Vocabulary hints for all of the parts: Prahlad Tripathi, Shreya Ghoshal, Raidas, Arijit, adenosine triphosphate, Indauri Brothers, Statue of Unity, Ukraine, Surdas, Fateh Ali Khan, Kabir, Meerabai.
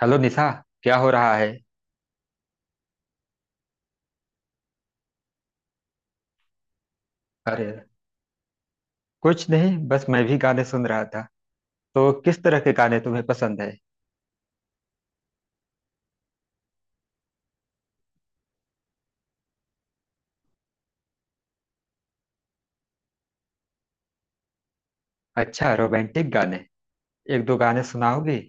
Hello Nisha. क्या हो रहा है? अरे, कुछ नहीं, बस मैं भी गाने सुन रहा था। तो किस तरह के गाने तुम्हें पसंद है? अच्छा, रोमांटिक गाने। एक दो गाने सुनाओगी?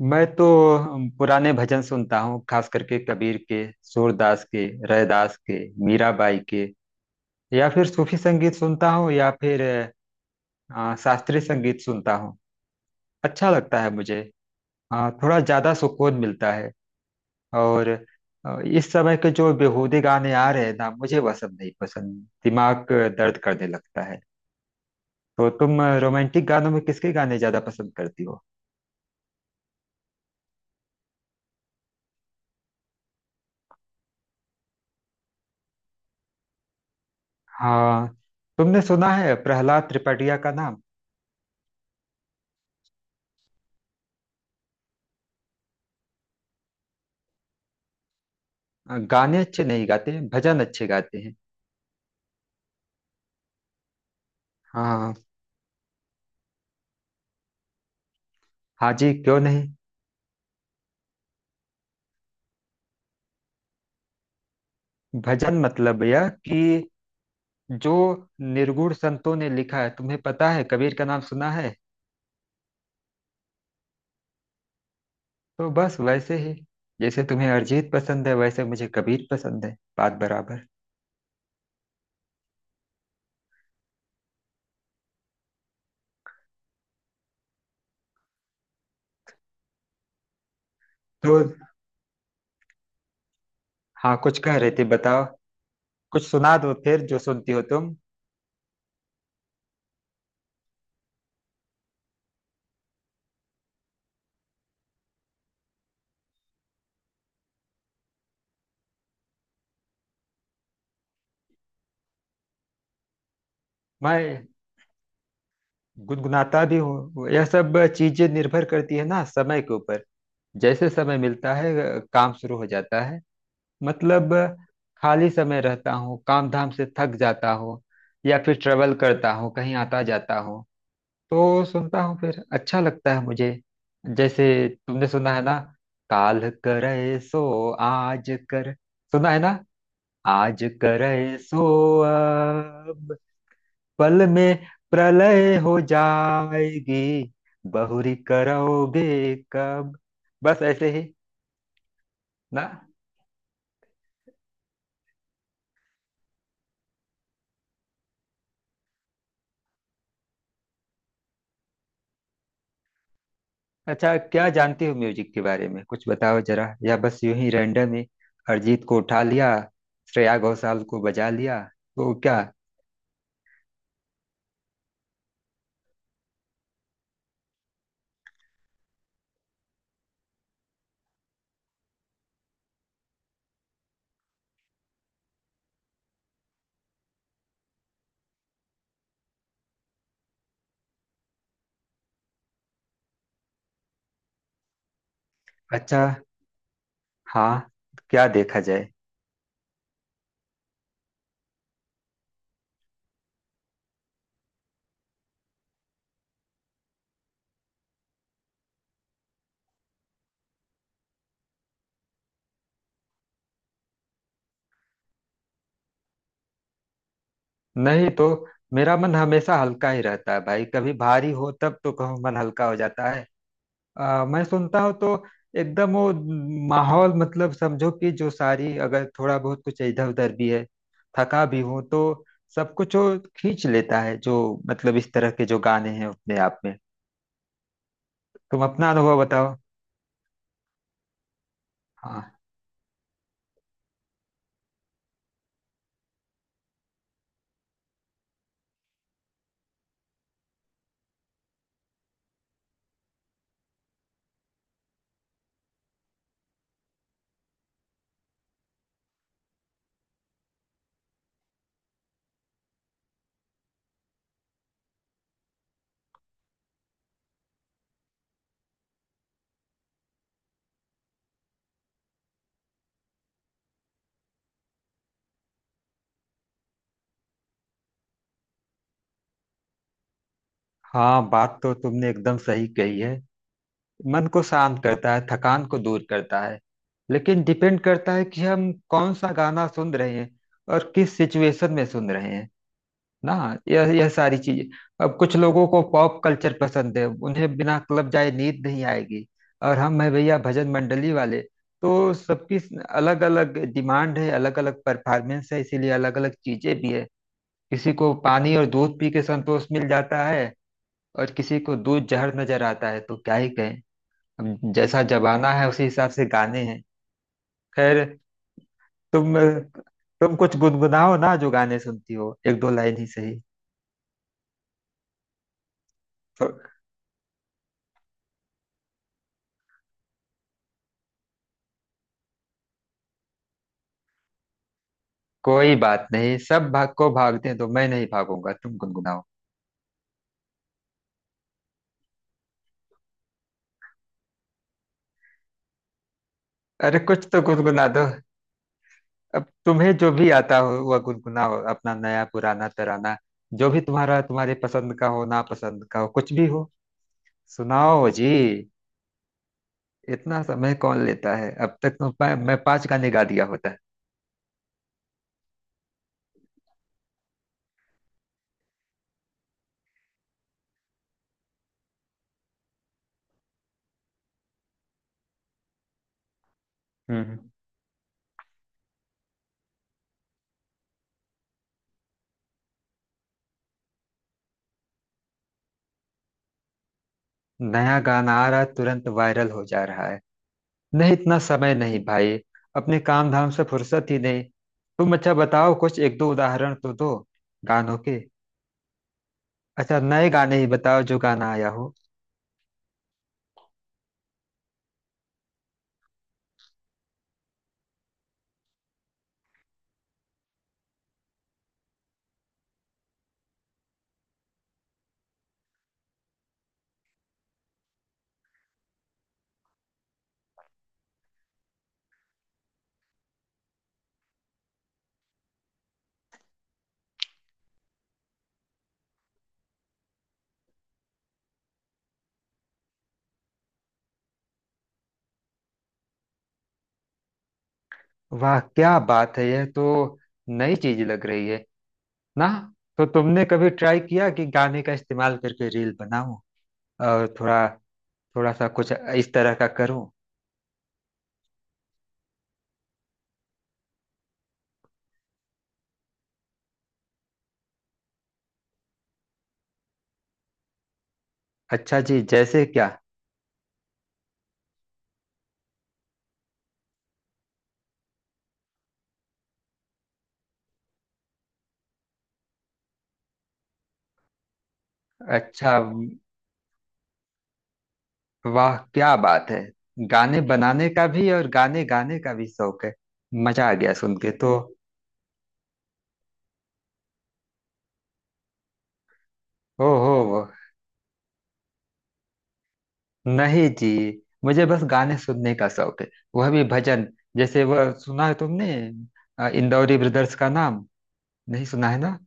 मैं तो पुराने भजन सुनता हूँ, खास करके कबीर के, सूरदास के, रैदास के, मीराबाई के, या फिर सूफी संगीत सुनता हूँ, या फिर शास्त्रीय संगीत सुनता हूँ। अच्छा लगता है मुझे। थोड़ा ज्यादा सुकून मिलता है। और इस समय के जो बेहूदे गाने आ रहे हैं ना, मुझे वह सब नहीं पसंद। दिमाग दर्द करने लगता है। तो तुम रोमांटिक गानों में किसके गाने ज्यादा पसंद करती हो? हाँ, तुमने सुना है प्रहलाद त्रिपाठिया का नाम? गाने अच्छे नहीं गाते, भजन अच्छे गाते हैं। हाँ। हाँ जी, क्यों नहीं। भजन मतलब यह कि जो निर्गुण संतों ने लिखा है। तुम्हें पता है, कबीर का नाम सुना है? तो बस वैसे ही, जैसे तुम्हें अरिजीत पसंद है वैसे मुझे कबीर पसंद है। बात बराबर। तो हाँ, कुछ कह रही थी, बताओ। कुछ सुना दो फिर, जो सुनती हो तुम। मैं गुनगुनाता भी हूँ। यह सब चीजें निर्भर करती है ना समय के ऊपर। जैसे समय मिलता है, काम शुरू हो जाता है, मतलब। खाली समय रहता हूँ, काम धाम से थक जाता हूँ, या फिर ट्रेवल करता हूँ, कहीं आता जाता हूँ, तो सुनता हूँ फिर। अच्छा लगता है मुझे। जैसे, तुमने सुना है ना? काल करे सो आज कर। सुना है ना? आज करे सो अब, पल में प्रलय हो जाएगी, बहुरी करोगे कब। बस ऐसे ही ना। अच्छा, क्या जानती हो म्यूजिक के बारे में? कुछ बताओ जरा, या बस यूं ही रैंडम ही अरिजीत को उठा लिया, श्रेया घोषाल को बजा लिया, तो क्या। अच्छा। हाँ, क्या देखा जाए? नहीं तो, मेरा मन हमेशा हल्का ही रहता है भाई। कभी भारी हो तब तो कहो मन हल्का हो जाता है। मैं सुनता हूँ तो एकदम वो माहौल, मतलब समझो कि जो सारी, अगर थोड़ा बहुत कुछ इधर उधर भी है, थका भी हूँ, तो सब कुछ वो खींच लेता है जो, मतलब इस तरह के जो गाने हैं अपने आप में। तुम अपना अनुभव बताओ। हाँ, हाँ, बात तो तुमने एकदम सही कही है। मन को शांत करता है, थकान को दूर करता है। लेकिन डिपेंड करता है कि हम कौन सा गाना सुन रहे हैं और किस सिचुएशन में सुन रहे हैं ना। यह सारी चीजें। अब कुछ लोगों को पॉप कल्चर पसंद है, उन्हें बिना क्लब जाए नींद नहीं आएगी। और हम है भैया भजन मंडली वाले। तो सबकी अलग अलग डिमांड है, अलग अलग परफॉर्मेंस है, इसीलिए अलग अलग चीजें भी है। किसी को पानी और दूध पी के संतोष मिल जाता है, और किसी को दूध जहर नजर आता है, तो क्या ही कहें। अब जैसा जमाना है उसी हिसाब से गाने हैं। खैर। तुम तुम कुछ गुनगुनाओ ना, जो गाने सुनती हो, एक दो लाइन ही सही। कोई बात नहीं, सब भाग को भागते हैं तो मैं नहीं भागूंगा, तुम गुनगुनाओ। अरे कुछ तो गुनगुना दो। अब तुम्हें जो भी आता हो वह गुनगुनाओ, अपना नया पुराना तराना। जो भी तुम्हारा, तुम्हारे पसंद का हो, ना पसंद का हो, कुछ भी हो, सुनाओ जी। इतना समय कौन लेता है? अब तक तो मैं 5 गाने गा दिया होता है। हम्म। नया गाना आ रहा, तुरंत वायरल हो जा रहा है। नहीं, इतना समय नहीं भाई। अपने काम धाम से फुर्सत ही नहीं। तुम अच्छा बताओ, कुछ एक दो उदाहरण तो दो गानों के। अच्छा, नए गाने ही बताओ जो गाना आया हो। वाह क्या बात है, यह तो नई चीज लग रही है ना। तो तुमने कभी ट्राई किया कि गाने का इस्तेमाल करके रील बनाऊं, और थोड़ा थोड़ा सा कुछ इस तरह का करूं? अच्छा जी, जैसे क्या? अच्छा, वाह क्या बात है। गाने बनाने का भी और गाने गाने का भी शौक है। मजा आ गया सुन के तो। ओहो, नहीं जी, मुझे बस गाने सुनने का शौक है, वह भी भजन। जैसे, वह सुना है तुमने इंदौरी ब्रदर्स का नाम? नहीं सुना है ना।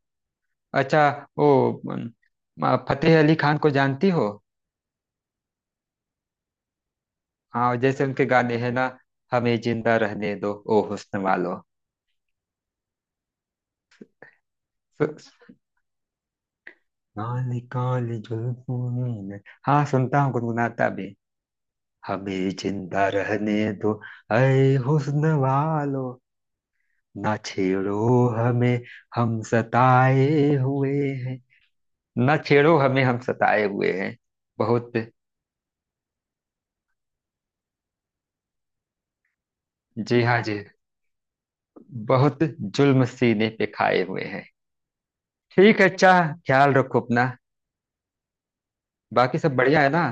अच्छा, वो अम, फतेह अली खान को जानती हो? हाँ, जैसे उनके गाने हैं ना, हमें जिंदा रहने दो ओ हुस्न वालो। सु- काली काली जुल्फों ने- हाँ, सुनता हूँ, गुनगुनाता भी। हमें जिंदा रहने दो, ऐ हुस्न वालो, ना छेड़ो हमें, हम सताए हुए हैं, ना छेड़ो हमें, हम सताए हुए हैं बहुत। जी हाँ जी, बहुत जुल्म सीने पे खाए हुए हैं। ठीक है, अच्छा, ख्याल रखो अपना। बाकी सब बढ़िया है ना?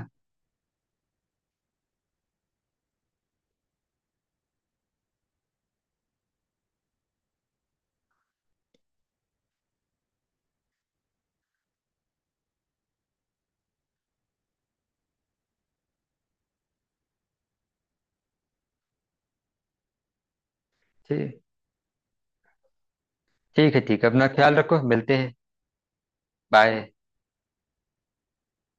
ठीक। ठीक है, ठीक है। अपना ख्याल रखो, मिलते हैं। बाय।